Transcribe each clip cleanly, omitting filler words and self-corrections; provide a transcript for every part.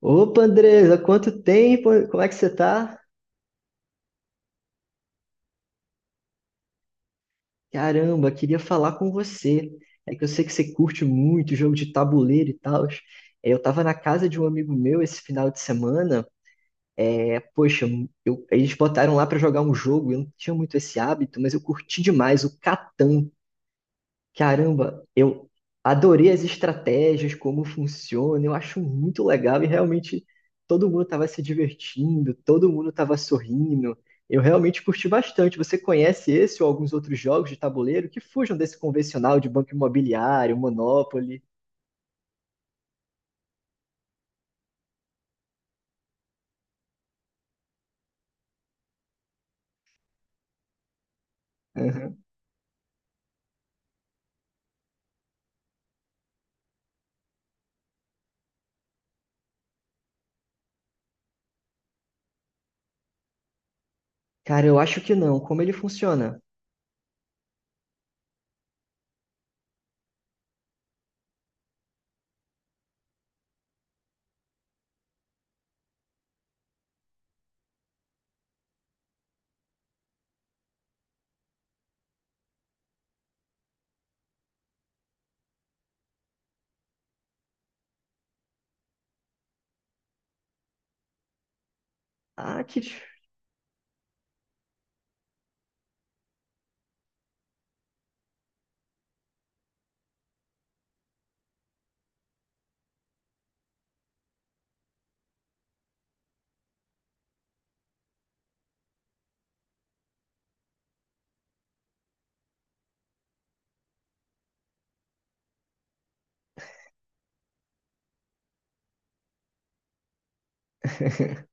Opa, Andresa, quanto tempo? Como é que você tá? Caramba, queria falar com você. É que eu sei que você curte muito jogo de tabuleiro e tal. É, eu tava na casa de um amigo meu esse final de semana. É, poxa, eles botaram lá pra jogar um jogo. Eu não tinha muito esse hábito, mas eu curti demais o Catan. Caramba, eu adorei as estratégias, como funciona, eu acho muito legal e realmente todo mundo estava se divertindo, todo mundo estava sorrindo. Eu realmente curti bastante. Você conhece esse ou alguns outros jogos de tabuleiro que fujam desse convencional de banco imobiliário, Monopoly? Aham. Cara, eu acho que não. Como ele funciona? Ah, que.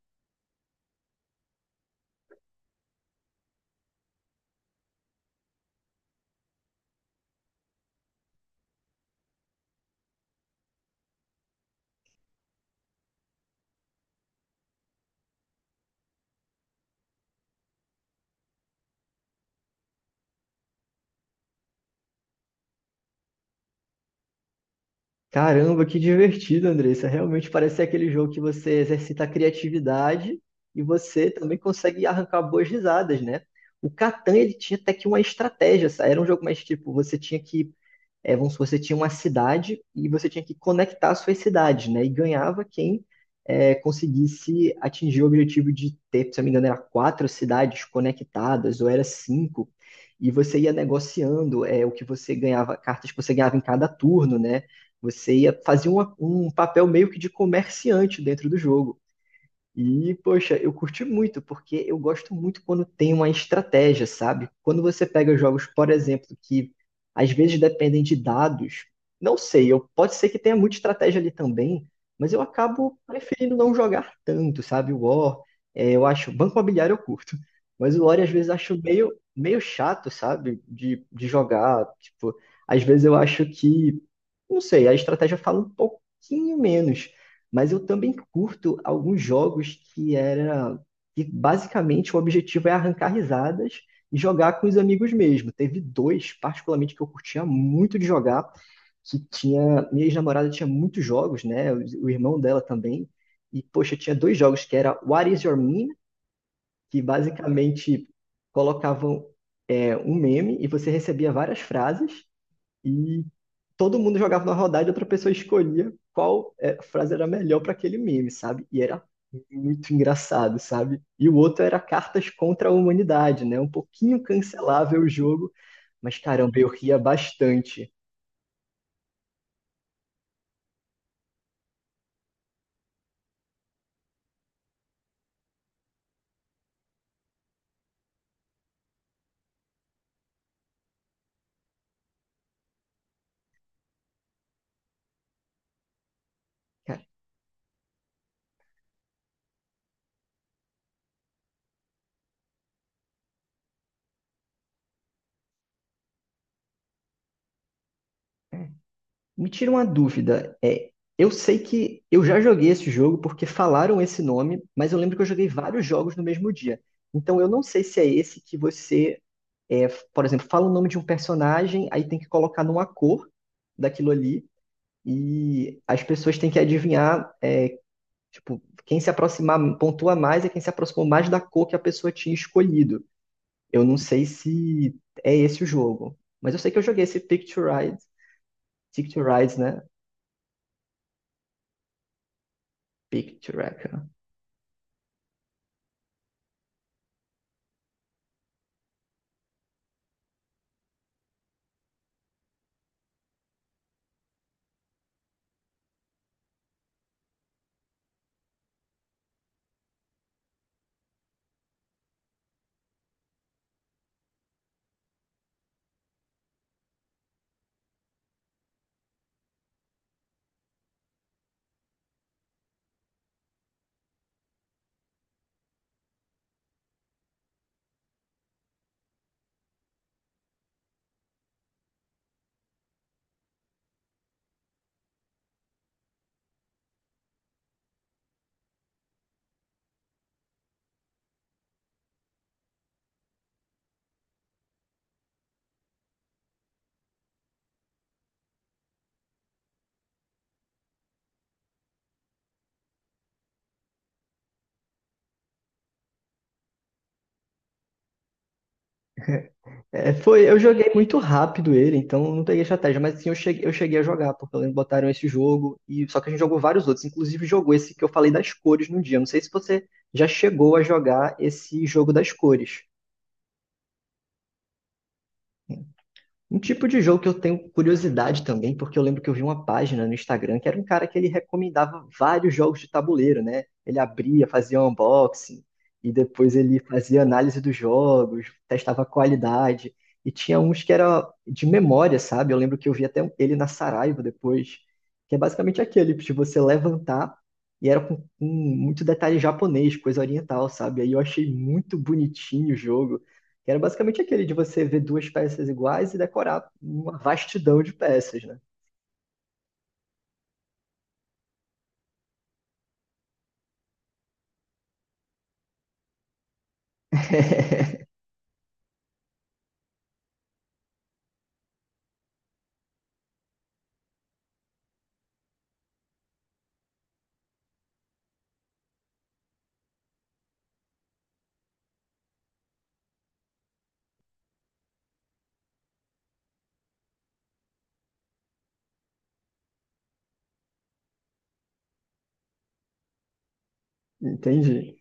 Caramba, que divertido, Andressa. Realmente parece ser aquele jogo que você exercita a criatividade e você também consegue arrancar boas risadas, né? O Catan, ele tinha até que uma estratégia, sabe? Era um jogo mais tipo, você tinha que vamos supor, você tinha uma cidade e você tinha que conectar as suas cidades, né? E ganhava quem conseguisse atingir o objetivo de ter, se eu não me engano, era quatro cidades conectadas, ou era cinco, e você ia negociando o que você ganhava, cartas que você ganhava em cada turno, né? Você ia fazer um papel meio que de comerciante dentro do jogo. E, poxa, eu curti muito, porque eu gosto muito quando tem uma estratégia, sabe? Quando você pega jogos, por exemplo, que às vezes dependem de dados, não sei, eu, pode ser que tenha muita estratégia ali também, mas eu acabo preferindo não jogar tanto, sabe? O War, eu acho, Banco Imobiliário eu curto, mas o War às vezes acho meio, meio chato, sabe? De jogar, tipo, às vezes eu acho que, não sei, a estratégia fala um pouquinho menos. Mas eu também curto alguns jogos que era que basicamente o objetivo é arrancar risadas e jogar com os amigos mesmo. Teve dois, particularmente, que eu curtia muito de jogar, que tinha. Minha ex-namorada tinha muitos jogos, né? O irmão dela também. E, poxa, tinha dois jogos que era What Is Your Meme? Que basicamente colocavam um meme e você recebia várias frases. E todo mundo jogava na rodada e outra pessoa escolhia qual frase era melhor para aquele meme, sabe? E era muito engraçado, sabe? E o outro era Cartas contra a Humanidade, né? Um pouquinho cancelável o jogo, mas caramba, eu ria bastante. Cara, é, me tira uma dúvida. É, eu sei que eu já joguei esse jogo porque falaram esse nome, mas eu lembro que eu joguei vários jogos no mesmo dia. Então eu não sei se é esse que você, por exemplo, fala o nome de um personagem, aí tem que colocar numa cor daquilo ali, e as pessoas têm que adivinhar, tipo, quem se aproximar, pontua mais é quem se aproximou mais da cor que a pessoa tinha escolhido. Eu não sei se é esse o jogo, mas eu sei que eu joguei esse Picture Ride, Picture Rides, né? Picture Ride. É, foi, eu joguei muito rápido ele, então eu não peguei estratégia, mas sim eu cheguei, a jogar, porque eu lembro que botaram esse jogo, e só que a gente jogou vários outros, inclusive jogou esse que eu falei das cores no dia. Eu não sei se você já chegou a jogar esse jogo das cores. Um tipo de jogo que eu tenho curiosidade também, porque eu lembro que eu vi uma página no Instagram que era um cara que ele recomendava vários jogos de tabuleiro, né? Ele abria, fazia um unboxing, e depois ele fazia análise dos jogos, testava a qualidade, e tinha uns que era de memória, sabe? Eu lembro que eu vi até ele na Saraiva depois, que é basicamente aquele de você levantar, e era com muito detalhe japonês, coisa oriental, sabe? Aí eu achei muito bonitinho o jogo que era basicamente aquele de você ver duas peças iguais e decorar uma vastidão de peças, né? Entendi.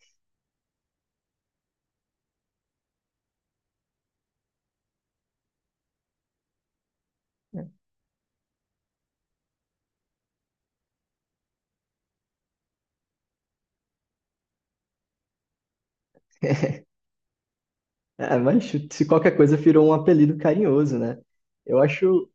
É, mas se qualquer coisa virou um apelido carinhoso, né? Eu acho,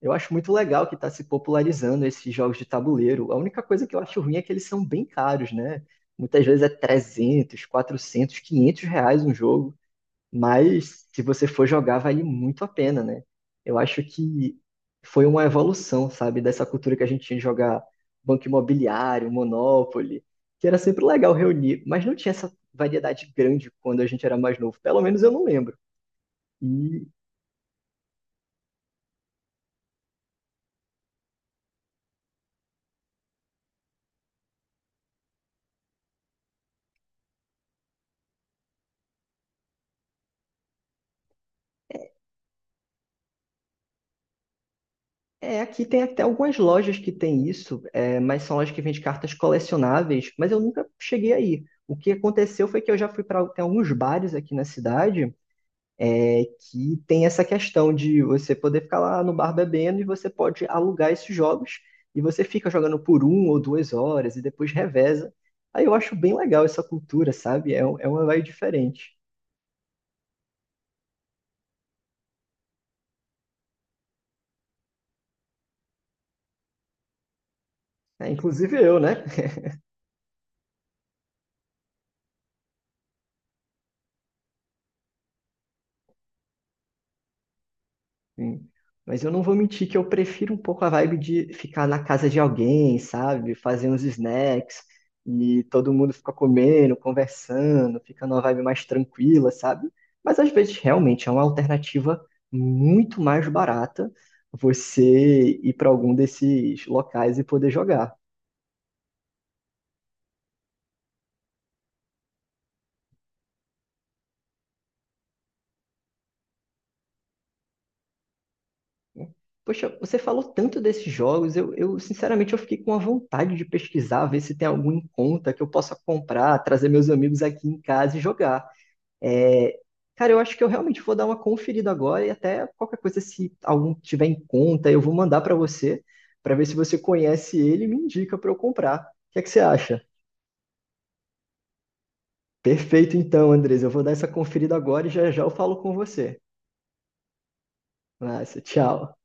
eu acho muito legal que está se popularizando esses jogos de tabuleiro. A única coisa que eu acho ruim é que eles são bem caros, né? Muitas vezes é 300, 400, 500 reais um jogo. Mas se você for jogar, vale muito a pena, né? Eu acho que foi uma evolução, sabe, dessa cultura que a gente tinha de jogar Banco Imobiliário, Monopoly, que era sempre legal reunir, mas não tinha essa variedade grande quando a gente era mais novo. Pelo menos eu não lembro. E aqui tem até algumas lojas que tem isso, mas são lojas que vendem cartas colecionáveis, mas eu nunca cheguei aí. O que aconteceu foi que eu já fui para alguns bares aqui na cidade é que tem essa questão de você poder ficar lá no bar bebendo e você pode alugar esses jogos e você fica jogando por 1 ou 2 horas e depois reveza. Aí eu acho bem legal essa cultura, sabe? É uma vibe diferente. É, inclusive eu, né? Sim. Mas eu não vou mentir que eu prefiro um pouco a vibe de ficar na casa de alguém, sabe? Fazer uns snacks e todo mundo fica comendo, conversando, fica numa vibe mais tranquila, sabe? Mas às vezes realmente é uma alternativa muito mais barata você ir para algum desses locais e poder jogar. Poxa, você falou tanto desses jogos, eu sinceramente eu fiquei com a vontade de pesquisar, ver se tem algum em conta que eu possa comprar, trazer meus amigos aqui em casa e jogar. É, cara, eu acho que eu realmente vou dar uma conferida agora e até qualquer coisa, se algum tiver em conta, eu vou mandar para você, para ver se você conhece ele e me indica para eu comprar. O que é que você acha? Perfeito, então, Andres. Eu vou dar essa conferida agora e já já eu falo com você. Massa, tchau.